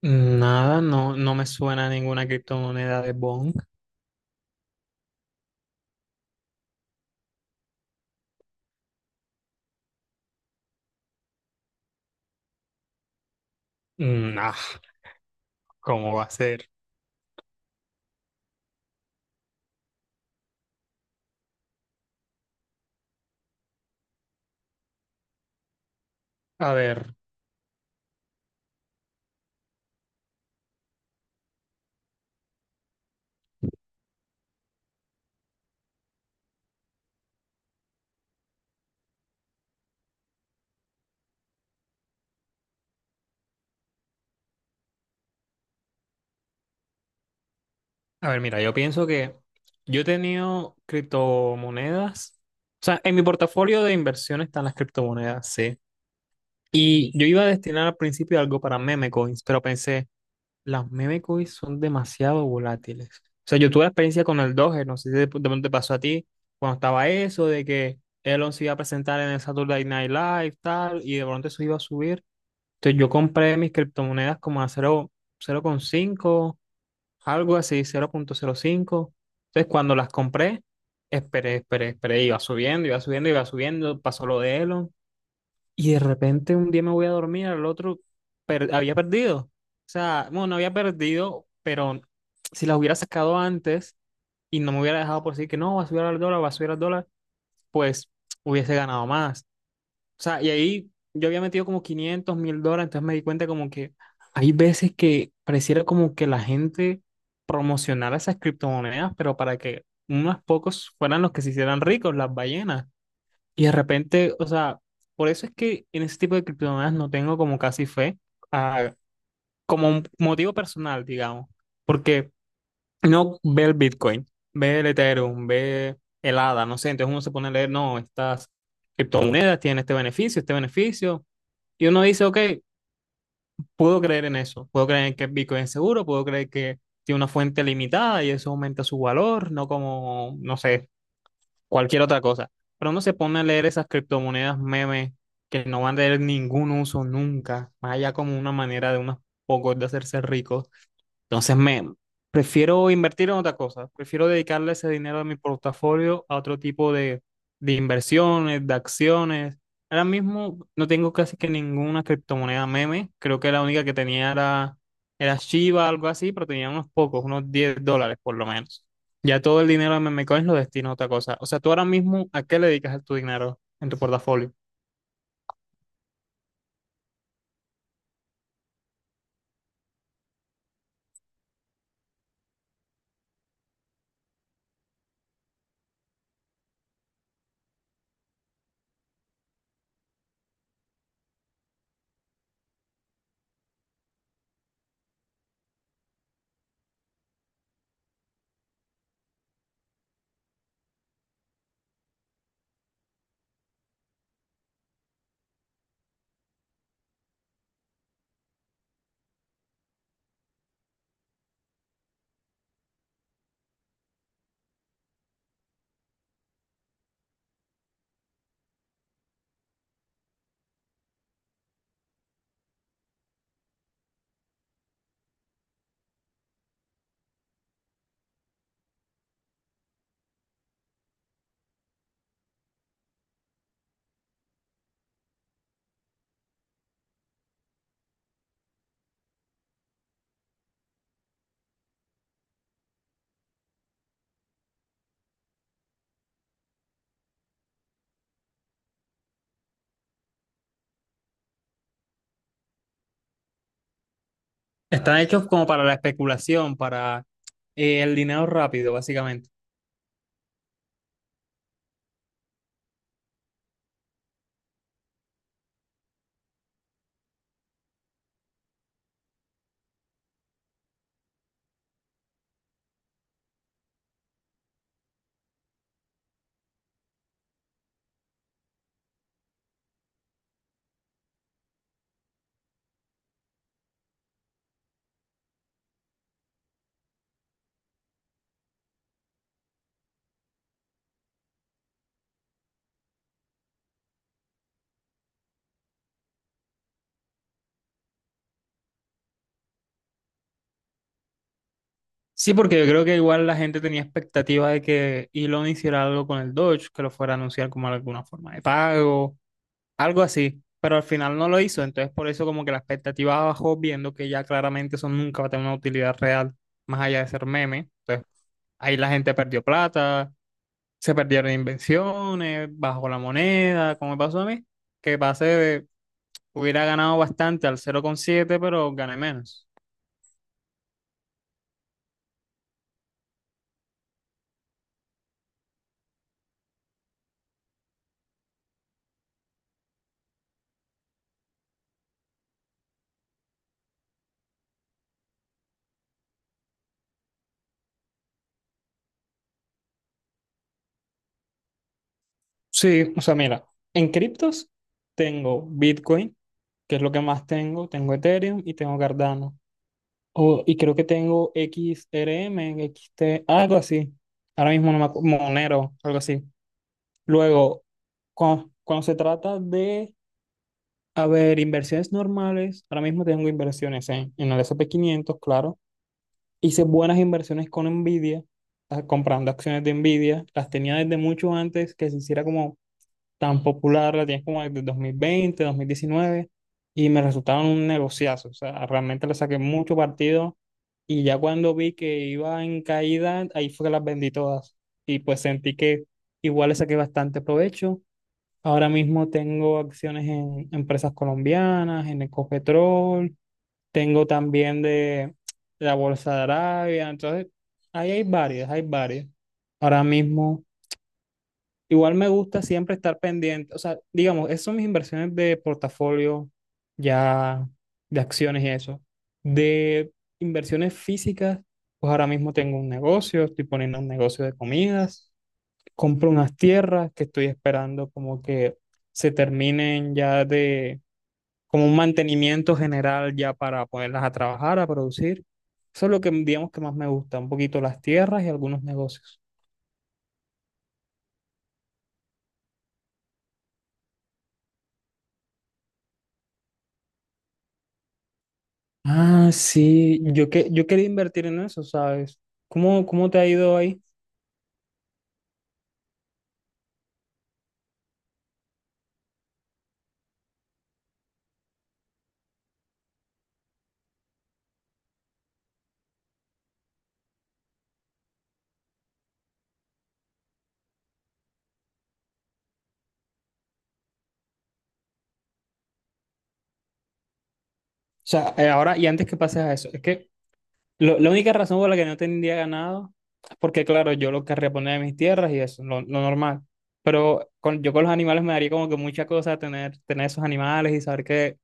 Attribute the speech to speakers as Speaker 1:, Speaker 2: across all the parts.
Speaker 1: Nada, no, no me suena ninguna criptomoneda de Bong. Nah, ¿cómo va a ser? A ver, a ver, mira, yo pienso que yo he tenido criptomonedas. O sea, en mi portafolio de inversión están las criptomonedas, sí. Y yo iba a destinar al principio algo para meme coins, pero pensé, las meme coins son demasiado volátiles. O sea, yo tuve la experiencia con el Doge, no sé si de pronto te pasó a ti, cuando estaba eso de que Elon se iba a presentar en el Saturday Night Live, tal, y de pronto eso iba a subir. Entonces yo compré mis criptomonedas como a 0, 0,5, algo así, 0.05. Entonces cuando las compré, esperé, esperé, esperé, iba subiendo, iba subiendo, iba subiendo, pasó lo de Elon. Y de repente un día me voy a dormir, al otro había perdido. O sea, bueno, no había perdido, pero si las hubiera sacado antes y no me hubiera dejado por decir que no, va a subir al dólar, va a subir al dólar, pues hubiese ganado más. O sea, y ahí yo había metido como $500.000, entonces me di cuenta como que hay veces que pareciera como que la gente promocionara esas criptomonedas, pero para que unos pocos fueran los que se hicieran ricos, las ballenas. Y de repente, o sea, por eso es que en ese tipo de criptomonedas no tengo como casi fe, ah, como un motivo personal, digamos, porque no ve el Bitcoin, ve el Ethereum, ve el ADA, no sé, entonces uno se pone a leer, no, estas criptomonedas tienen este beneficio y uno dice, ok, puedo creer en eso, puedo creer en que el Bitcoin es seguro, puedo creer que tiene una fuente limitada y eso aumenta su valor, no como, no sé, cualquier otra cosa. Pero uno se pone a leer esas criptomonedas memes que no van a tener ningún uso nunca, más allá como una manera de unos pocos de hacerse ricos. Entonces me prefiero invertir en otra cosa, prefiero dedicarle ese dinero de mi portafolio a otro tipo de, inversiones, de acciones. Ahora mismo no tengo casi que ninguna criptomoneda meme, creo que la única que tenía era Shiba, algo así, pero tenía unos pocos, unos $10 por lo menos. Ya todo el dinero de memecoins lo destino a otra cosa. O sea, tú ahora mismo, ¿a qué le dedicas tu dinero en tu portafolio? Están hechos como para la especulación, para el dinero rápido, básicamente. Sí, porque yo creo que igual la gente tenía expectativa de que Elon hiciera algo con el Doge, que lo fuera a anunciar como alguna forma de pago, algo así, pero al final no lo hizo, entonces por eso como que la expectativa bajó viendo que ya claramente eso nunca va a tener una utilidad real más allá de ser meme, entonces ahí la gente perdió plata, se perdieron invenciones, bajó la moneda, como me pasó a mí, que pasé de, hubiera ganado bastante al 0,7, pero gané menos. Sí, o sea, mira, en criptos tengo Bitcoin, que es lo que más tengo, tengo Ethereum y tengo Cardano. Y creo que tengo XRM, XT, algo así. Ahora mismo no me acu- Monero, algo así. Luego, cuando se trata de, a ver, inversiones normales, ahora mismo tengo inversiones en el S&P 500, claro. Hice buenas inversiones con Nvidia, comprando acciones de Nvidia. Las tenía desde mucho antes que se hiciera como tan popular, la tienes como desde 2020, 2019 y me resultaron un negociazo. O sea, realmente le saqué mucho partido y ya cuando vi que iba en caída, ahí fue que las vendí todas. Y pues sentí que igual le saqué bastante provecho. Ahora mismo tengo acciones en empresas colombianas, en Ecopetrol, tengo también de la Bolsa de Arabia, entonces ahí hay varias, hay varias. Ahora mismo... Igual me gusta siempre estar pendiente, o sea, digamos, esas son mis inversiones de portafolio, ya de acciones y eso. De inversiones físicas, pues ahora mismo tengo un negocio, estoy poniendo un negocio de comidas, compro unas tierras que estoy esperando como que se terminen ya de, como un mantenimiento general ya para ponerlas a trabajar, a producir. Eso es lo que digamos que más me gusta, un poquito las tierras y algunos negocios. Ah, sí, yo quería invertir en eso, ¿sabes? ¿Cómo te ha ido ahí? O sea, ahora y antes que pases a eso, es que la única razón por la que no tendría ganado es porque, claro, yo lo querría poner en mis tierras y eso, lo normal. Pero con, yo con los animales me daría como que mucha cosa tener, tener esos animales y saber que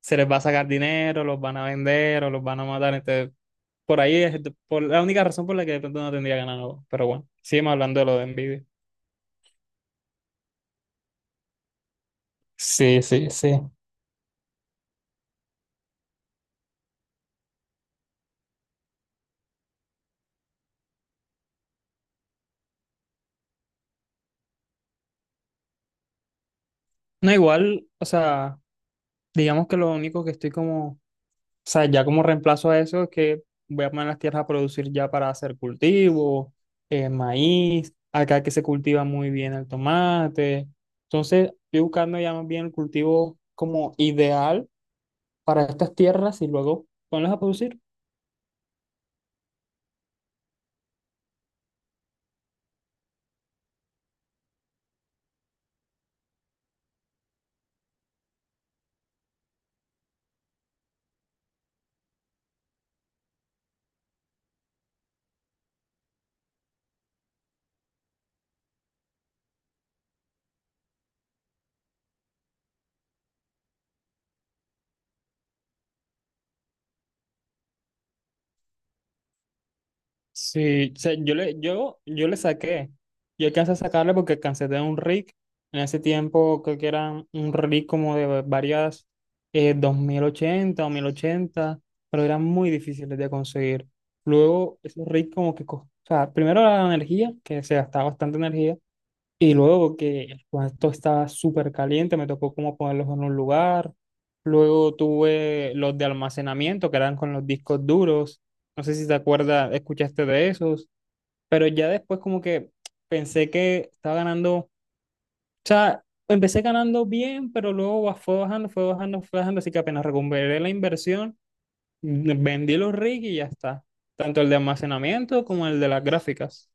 Speaker 1: se les va a sacar dinero, los van a vender o los van a matar. Entonces, por ahí es por la única razón por la que de pronto no tendría ganado. Pero bueno, sigamos hablando de lo de envidia. Sí, sí, sí. No, igual, o sea, digamos que lo único que estoy como, o sea, ya como reemplazo a eso es que voy a poner las tierras a producir ya para hacer cultivo, maíz, acá que se cultiva muy bien el tomate. Entonces, estoy buscando ya más bien el cultivo como ideal para estas tierras y luego ponerlas a producir. Sí, o sea, yo le saqué. Yo alcancé a sacarle porque cansé de un rig. En ese tiempo creo que era un rig como de varias 2080 o 1080, pero eran muy difíciles de conseguir. Luego, esos rigs como que, o sea, primero la energía, que se gastaba bastante energía, y luego que el cuarto estaba súper caliente, me tocó como ponerlos en un lugar. Luego tuve los de almacenamiento, que eran con los discos duros. No sé si te acuerdas, escuchaste de esos. Pero ya después como que pensé que estaba ganando. O sea, empecé ganando bien, pero luego fue bajando, fue bajando, fue bajando. Así que apenas recuperé la inversión, vendí los rigs y ya está. Tanto el de almacenamiento como el de las gráficas.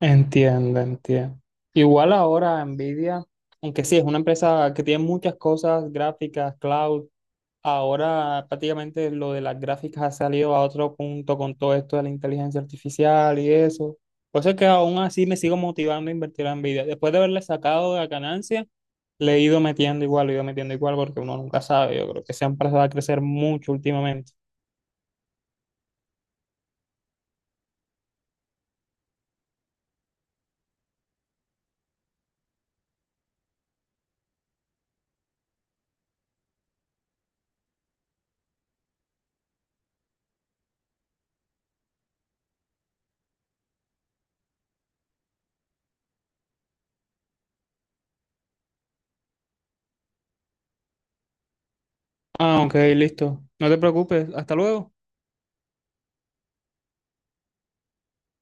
Speaker 1: Entiendo, entiendo. Igual ahora Nvidia, aunque sí es una empresa que tiene muchas cosas, gráficas, cloud, ahora prácticamente lo de las gráficas ha salido a otro punto con todo esto de la inteligencia artificial y eso. Por eso es que aún así me sigo motivando a invertir en Nvidia. Después de haberle sacado la ganancia, le he ido metiendo igual, le he ido metiendo igual porque uno nunca sabe. Yo creo que esa empresa va a crecer mucho últimamente. Ah, ok, listo. No te preocupes. Hasta luego.